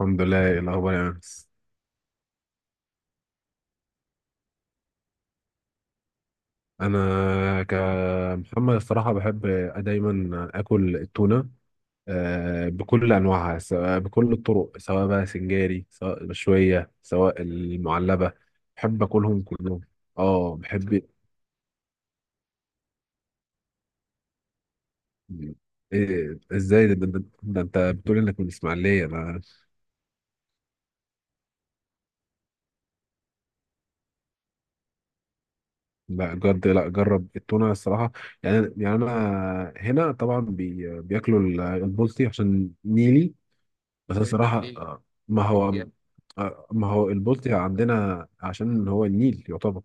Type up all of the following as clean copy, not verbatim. الحمد لله. إيه الاخبار يا انس؟ انا كمحمد الصراحه بحب دايما اكل التونه. بكل انواعها، سواء بكل الطرق، سواء بقى سنجاري، سواء مشويه، سواء المعلبه. بحب اكلهم كلهم. اه، بحب. إيه، ازاي ده انت بتقول انك من اسماعيليه؟ انا لا جد، لا جرب التونه الصراحه. يعني انا هنا طبعا بياكلوا البلطي عشان نيلي. بس أنا الصراحة، ما هو، ما هو البلطي عندنا عشان هو النيل يعتبر،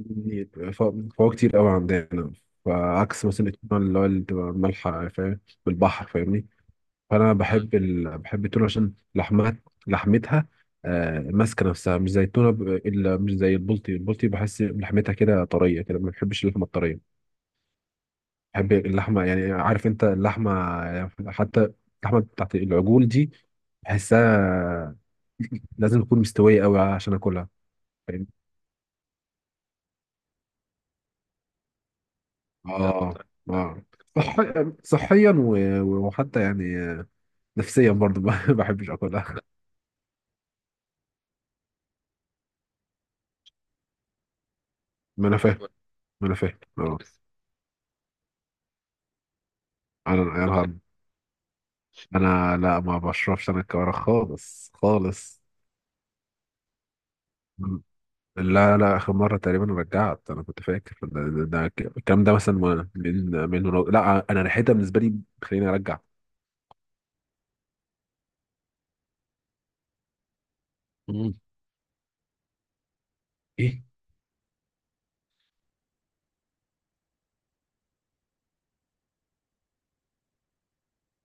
النيل فهو كتير قوي عندنا. فعكس مثلا التونة اللي بتبقى مالحة، فاهم، بالبحر، فاهمني. فأنا بحب بحب التونة عشان لحمها، لحمتها، ماسكة نفسها، مش زي التونة مش زي البلطي بحس لحمتها كده طرية، كده ما بحبش اللحمة الطرية. بحب اللحمه، يعني عارف انت اللحمه، يعني حتى اللحمه بتاعت العجول دي، بحسها لازم تكون مستويه قوي عشان اكلها. فاهم. اه. اه، صح... صحيا و... وحتى يعني نفسيا برضو، ما بحبش اكلها. ما انا فاهم، ما انا فاهم، اه. انا انا لا، ما بشربش انا الكوارع خالص خالص. لا لا، اخر مره تقريبا رجعت. انا كنت فاكر الكلام ده مثلا، من لا، انا ريحتها بالنسبه لي بتخليني ارجع. ايه؟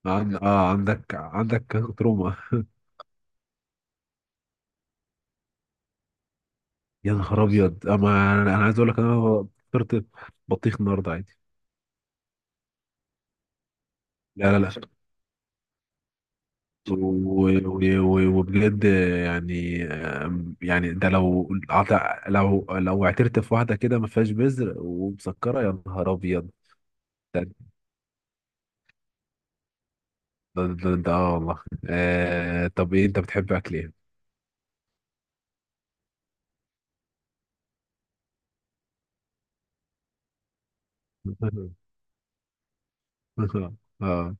عن... اه عندك تروما. يا نهار ابيض، اما أنا عايز اقول لك، انا فطرت بطيخ النهارده عادي. لا لا لا، و- و- و- وبجد، يعني يعني ده لو لو اعترت في واحده كده ما فيهاش بذر ومسكره، يا نهار ابيض. ده ده ده اه والله. طب، ايه انت بتحب اكل ايه؟ اه،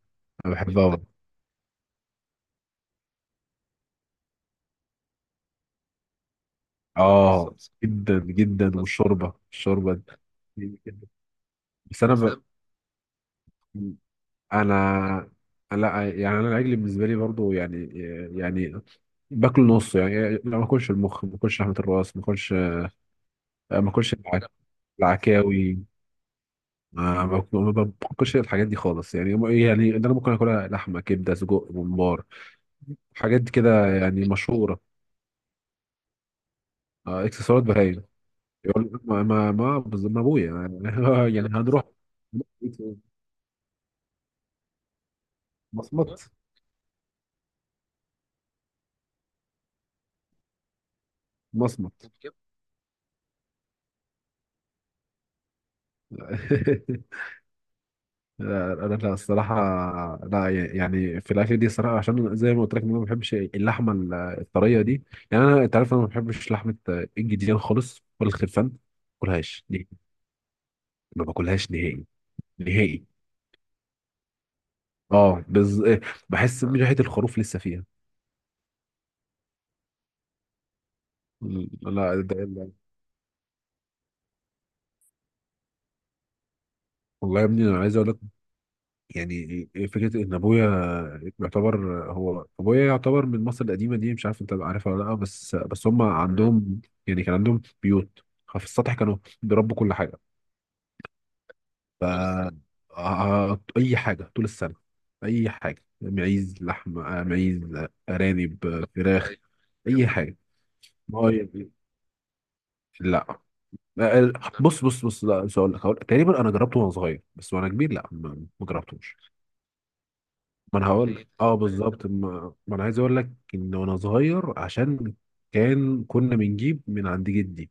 انا بحبها برضه. اه، جدا جدا، والشوربه، الشوربه دي جداً. بس انا ب... انا، لا، يعني انا العجل بالنسبه لي برضه، يعني، يعني باكل نص، يعني لا ما اكلش المخ، ما اكلش لحمه الراس، ما اكلش، ما اكلش العكاوي. ما باكلش الحاجات دي خالص، يعني يعني اللي انا ممكن اكلها لحمه، كبده، سجق، ممبار، حاجات كده يعني مشهوره. اكسسوارات بهايل. يقول لك ما ما ما بز- ما ابويا يعني هنروح. مصمت. مصمت. لا لا لا، الصراحة، لا يعني في الأكل دي الصراحة، عشان زي ما قلت لك إن أنا ما بحبش اللحمة الطرية دي، يعني أنت عارف أنا ما بحبش لحمة الجديان خالص، ولا الخرفان، ما باكلهاش نهائي، ما باكلهاش نهائي، نهائي. أه بز... بحس إن ريحة الخروف لسه فيها. لا، ده والله يا ابني، أنا عايز أقول لك، يعني فكره ان ابويا يعتبر، هو ابويا يعتبر من مصر القديمه دي، مش عارف انت عارفها ولا لا، بس هم عندهم، يعني كان عندهم بيوت في السطح، كانوا بيربوا كل حاجه، ف طول السنة، اي حاجه طول السنه، اي حاجه، معيز لحم، معيز، ارانب، فراخ. أيوة، اي جامد حاجه. ما هو يعني- لا، لا. بص بص بص، لا مش هقول لك، تقريبا انا جربته وانا صغير، بس وانا كبير لا، ما، ما جربتوش. ما انا هقول لك، زي، زي بالظبط، ما انا عايز اقول لك ان وانا صغير، عشان كان كنا بنجيب من عند جدي،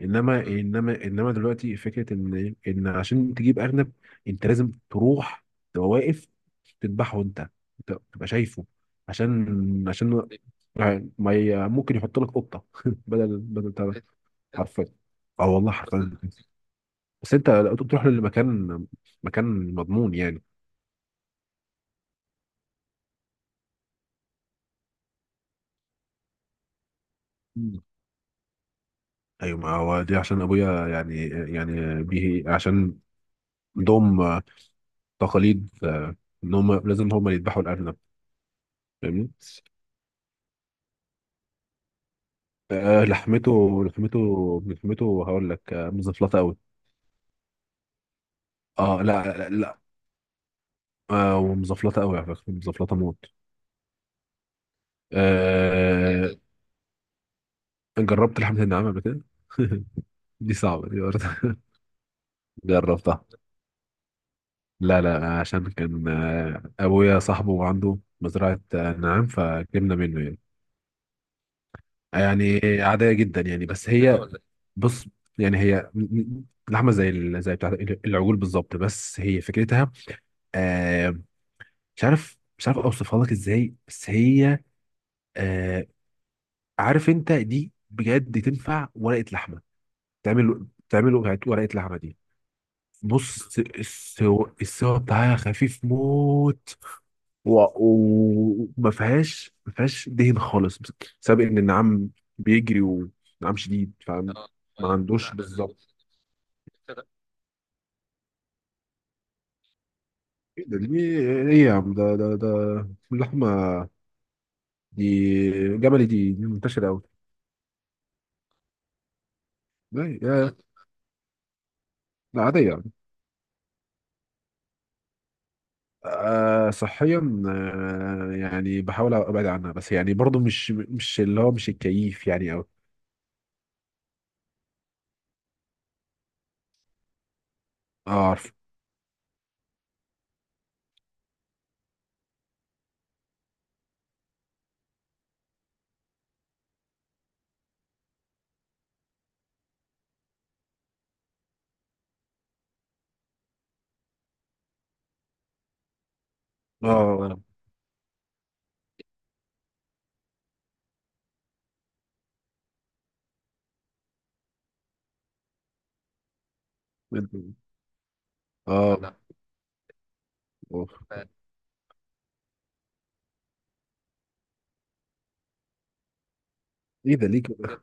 انما انما دلوقتي فكره ان عشان تجيب ارنب، انت لازم تروح، تبقى واقف، تذبحه انت، أنت تبقى شايفه، عشان يعني ما ي- ممكن يحط لك قطه بدل بتاع ده. حرفيا، اه والله حرفيا، بس انت بتروح لمكان، مكان مضمون يعني. ايوه، ما هو دي عشان ابويا يعني، يعني به عشان عندهم تقاليد، ان هم لازم هم اللي يذبحوا الارنب. فاهمني. لحمته، لحمته هقول لك مزفلطه قوي. اه لا لا, لا. ومزفلطه قوي على فكره، مزفلطه موت. آه جربت لحمه النعام قبل كده؟ دي صعبه، دي برضه. جربتها. لا لا، عشان كان، ابويا صاحبه عنده مزرعه، نعام، فجبنا منه يعني. يعني عادية جدا يعني، بس كده هي ولا إيه؟ بص، يعني هي لحمة زي زي بتاع العجول بالظبط، بس هي فكرتها، آه مش عارف اوصفها لك ازاي، بس هي، آه عارف انت دي بجد تنفع ورقة لحمة، تعمل ورقة لحمة دي. بص السوا بتاعها خفيف موت، وما فيهاش ما فيهاش دهن خالص، بسبب ان النعام بيجري، ونعام شديد، فما عندوش بالظبط. ايه ده؟ دي ايه يا عم؟ ده ده ده اللحمه دي جملي، دي منتشره قوي. لا يا- لا عاديه يعني، صحيا، يعني بحاول ابعد عنها، بس يعني برضو مش اللي هو مش الكيف يعني قوي. اه. عارف. اه. اه. اه. ايه ده، ليه كده؟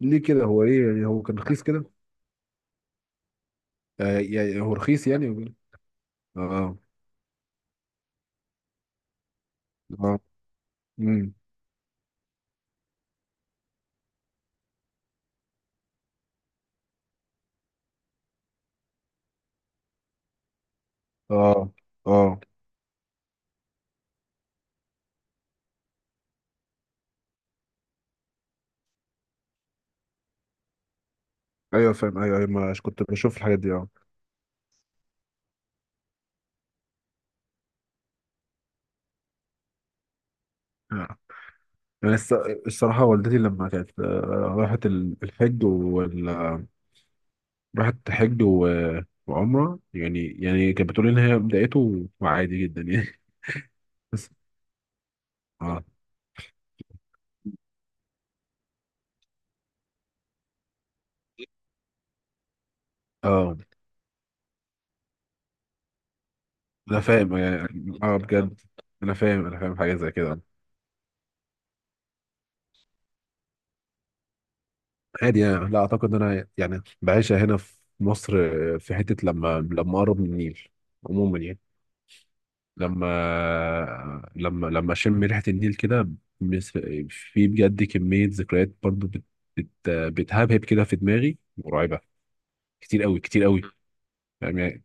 ليه كده، هو ايه يعني هو كان رخيص كده؟ هو رخيص يعني، وكده. اه. اه. امم. اه. اه. ايوه فاهم، ايوه ايوه، مش كنت بشوف الحاجات دي، اه. آه. يعني الصراحة والدتي لما كانت، راحت الحج وال آه، راحت حج وعمرة يعني كانت بتقول لي ان هي بدايته عادي جدا يعني. بس. اه. اه، انا فاهم يعني، اه بجد، انا فاهم حاجة زي كده، عادي يعني. لا اعتقد ان انا يعني بعيشها هنا في مصر، في حته لما اقرب من النيل عموما يعني، لما اشم ريحه النيل كده. بس- في بجد كميه ذكريات برضو بت بت بتهبهب كده في دماغي مرعبه، كتير قوي كتير قوي، يعني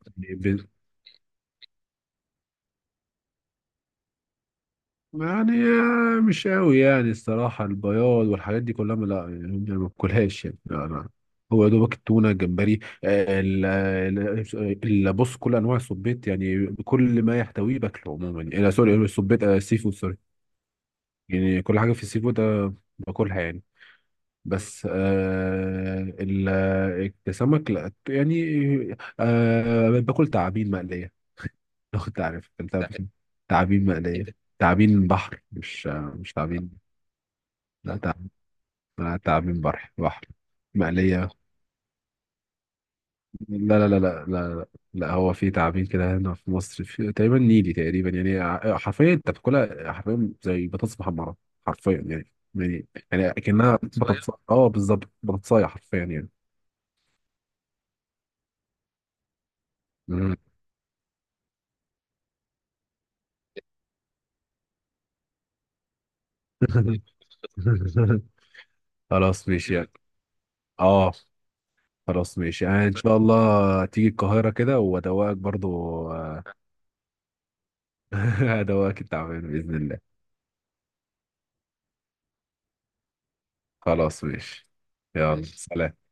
يعني، مش قوي يعني الصراحة. البياض والحاجات دي كلها، لا يعني ما باكلهاش يعني، لا لا. هو يا دوبك التونة، الجمبري، بص كل أنواع السبيط، يعني كل ما يحتويه باكله عموما يعني، سوري، السبيط، السي فود، سوري. يعني كل حاجة في السي فود باكلها يعني. بس السمك لا يعني، باكل تعابين مقلية. لو كنت عارف، تعرف تعابين مقلية، تعابين بحر، مش تعابين. لا تعب، لا تعابين بحر بحر، مقلية. لا لا لا لا لا. لا هو في تعابين كده هنا في مصر، في تقريبا نيلي تقريبا، يعني حرفيا انت بتاكلها حرفيا زي بطاطس محمرة، حرفيا يعني، يعني كأنها صغير بطاطس، اه بالظبط بطاطساية حرفيا يعني. مم. خلاص ماشي يعني. اه. خلاص ماشي يعني، ان شاء الله تيجي القاهرة كده وادوقك برضو. آه، ادوقك التعابين بإذن الله. خلاص ماشي. يلا ماشي، سلام.